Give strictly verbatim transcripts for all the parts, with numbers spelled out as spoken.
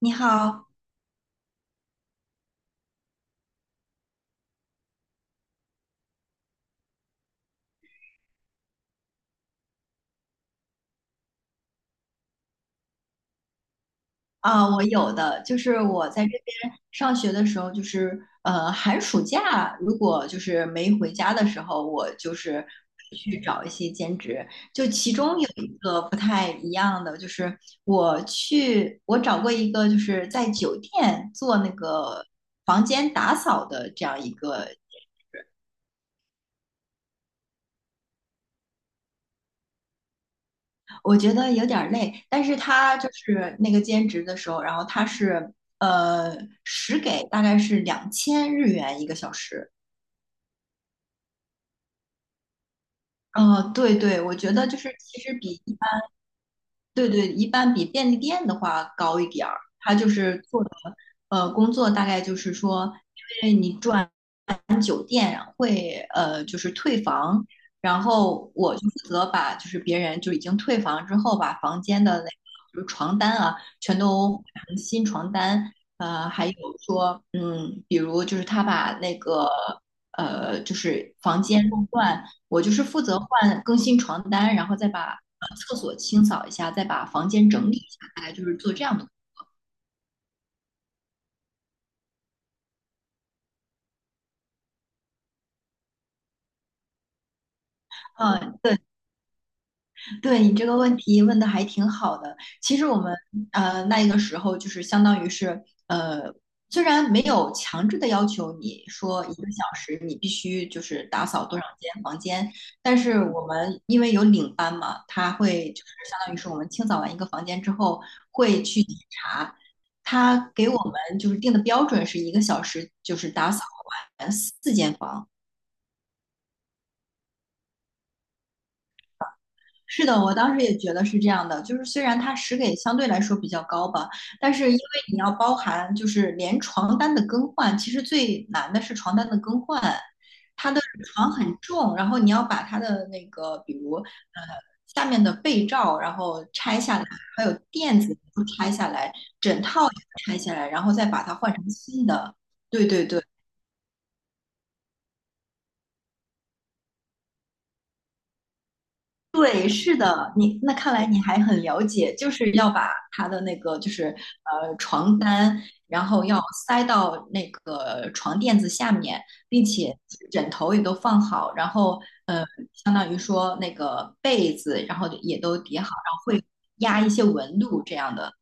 你好啊，我有的就是我在这边上学的时候，就是呃寒暑假如果就是没回家的时候，我就是去找一些兼职。就其中有一个不太一样的，就是我去我找过一个就是在酒店做那个房间打扫的这样一个。我觉得有点儿累，但是他就是那个兼职的时候，然后他是呃时给大概是两千日元一个小时。呃，对对，我觉得就是其实比一般，对对，一般比便利店的话高一点儿。他就是做的呃工作大概就是说，因为你赚。店会呃就是退房，然后我就负责把就是别人就已经退房之后，把房间的那个就是床单啊，全都换成新床单，呃，还有说嗯，比如就是他把那个呃就是房间弄乱，我就是负责换更新床单，然后再把。呃，厕所清扫一下，再把房间整理一下，大概就是做这样的。嗯，对，对你这个问题问的还挺好的。其实我们呃那一个时候就是相当于是呃，虽然没有强制的要求你说一个小时你必须就是打扫多少间房间，但是我们因为有领班嘛，他会就是相当于是我们清扫完一个房间之后会去检查，他给我们就是定的标准是一个小时就是打扫完四间房。是的，我当时也觉得是这样的，就是虽然它时给相对来说比较高吧，但是因为你要包含就是连床单的更换，其实最难的是床单的更换，它的床很重，然后你要把它的那个比如呃下面的被罩，然后拆下来，还有垫子也都拆下来，枕套也拆下来，然后再把它换成新的。对对对。对，是的，你那看来你还很了解，就是要把他的那个就是呃床单，然后要塞到那个床垫子下面，并且枕头也都放好，然后呃相当于说那个被子，然后也都叠好，然后会压一些纹路这样的。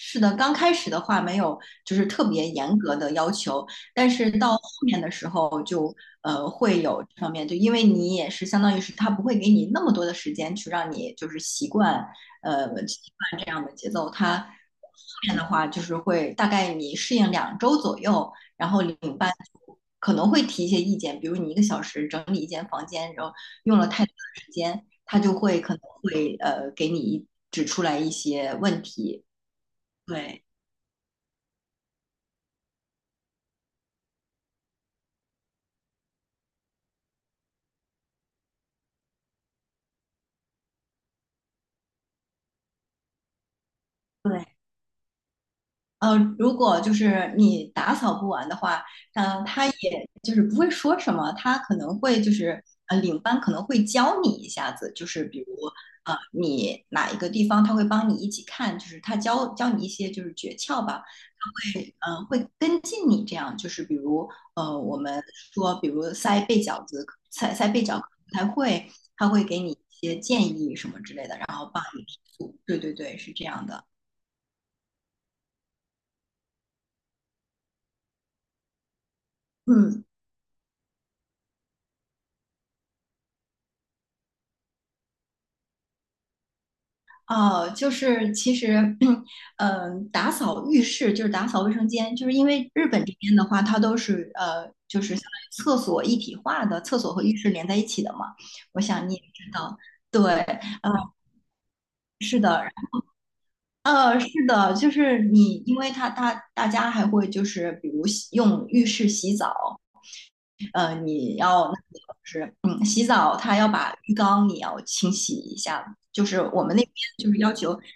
是的，刚开始的话没有，就是特别严格的要求，但是到后面的时候就呃会有这方面，就因为你也是相当于是他不会给你那么多的时间去让你就是习惯呃习惯这样的节奏，他后面的话就是会大概你适应两周左右，然后领班就可能会提一些意见，比如你一个小时整理一间房间，然后用了太多的时间，他就会可能会呃给你指出来一些问题，对。对，呃，如果就是你打扫不完的话，嗯、他也就是不会说什么，他可能会就是呃，领班可能会教你一下子，就是比如呃，你哪一个地方他会帮你一起看，就是他教教你一些就是诀窍吧，他会嗯、呃、会跟进你这样，就是比如呃，我们说比如塞被饺子，塞塞被饺子不太会，他会给你一些建议什么之类的，然后帮你提速。对对对，是这样的。嗯。哦，就是其实，嗯，打扫浴室就是打扫卫生间，就是因为日本这边的话，它都是呃，就是相当于厕所一体化的，厕所和浴室连在一起的嘛。我想你也知道，对，呃，是的，呃，是的，就是你，因为他它大家还会就是比如洗用浴室洗澡，呃，你要那个就是嗯，洗澡他要把浴缸你要清洗一下，就是我们那。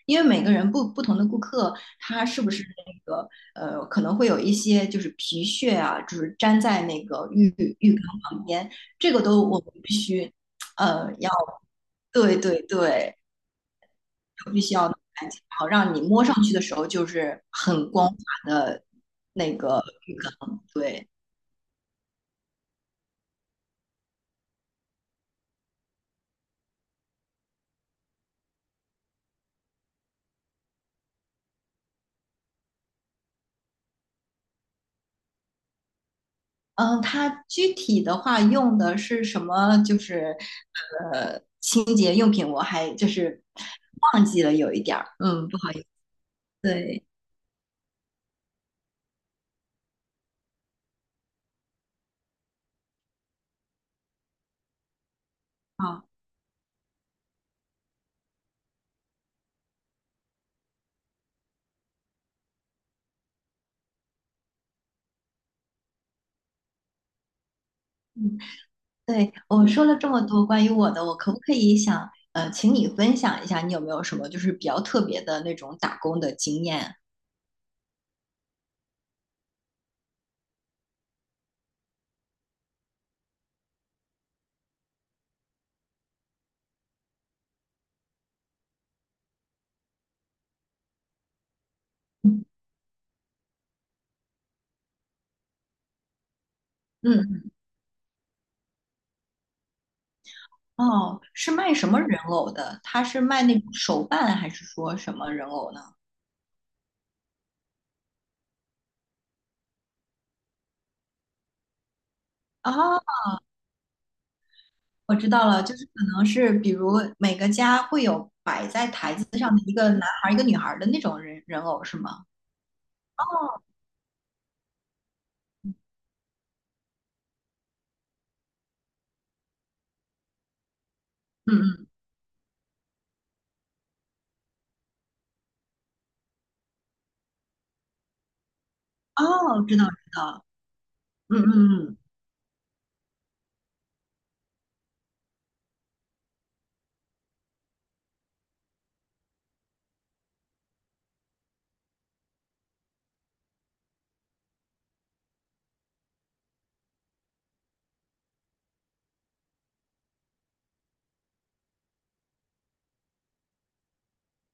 因为每个人不不同的顾客，他是不是那个呃，可能会有一些就是皮屑啊，就是粘在那个浴浴缸旁边，这个都我们必须呃要对对对，必须要弄干净，好让你摸上去的时候就是很光滑的那个浴缸。对，嗯，它具体的话用的是什么？就是呃清洁用品，我还就是忘记了有一点儿，嗯，不好意思，对。啊。嗯，对，我说了这么多关于我的，我可不可以想，呃，请你分享一下，你有没有什么就是比较特别的那种打工的经验？嗯，嗯哦，是卖什么人偶的？他是卖那种手办，还是说什么人偶呢？哦，我知道了，就是可能是比如每个家会有摆在台子上的一个男孩儿一个女孩儿的那种人人偶，是吗？哦，嗯嗯，哦，知道知道，嗯嗯嗯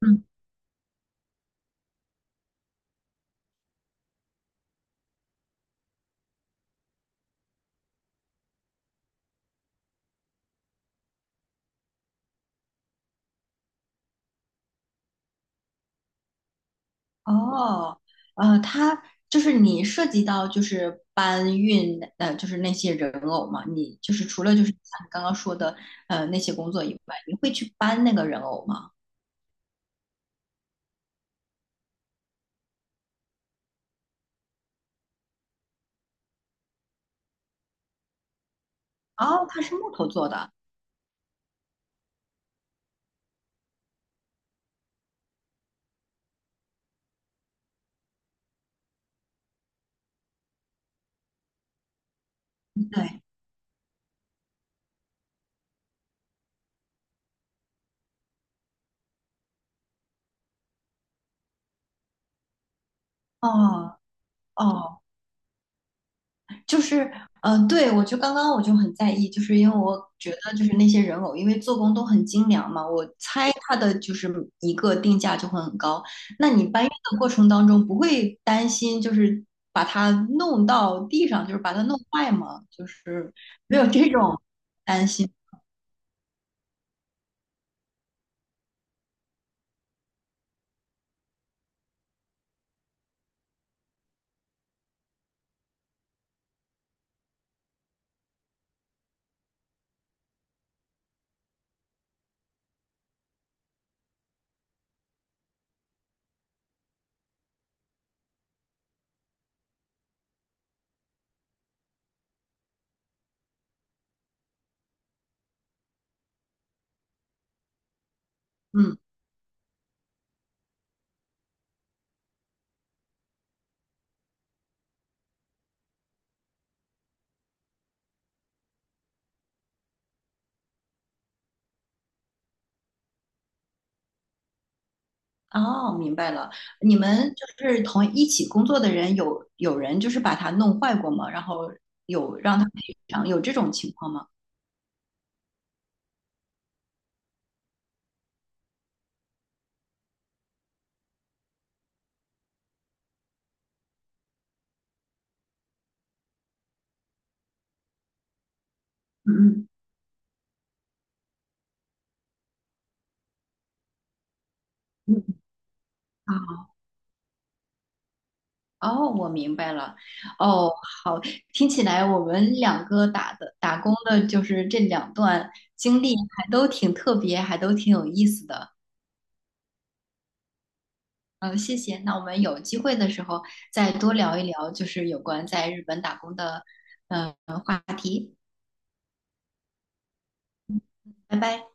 嗯。哦，呃，他就是你涉及到就是搬运，呃，就是那些人偶嘛，你就是除了就是像你刚刚说的，呃，那些工作以外，你会去搬那个人偶吗？哦，它是木头做的，对，哦哦，就是，嗯、对，我就刚刚我就很在意，就是因为我觉得就是那些人偶，因为做工都很精良嘛，我猜它的就是一个定价就会很高。那你搬运的过程当中不会担心就是把它弄到地上，就是把它弄坏吗？就是没有这种担心。嗯，哦，明白了。你们就是同一起工作的人有有人就是把它弄坏过吗？然后有让他赔偿，有这种情况吗？嗯嗯嗯。哦，我明白了。哦，好，听起来我们两个打的打工的，就是这两段经历还都挺特别，还都挺有意思的。嗯，谢谢。那我们有机会的时候再多聊一聊，就是有关在日本打工的呃话题。拜拜。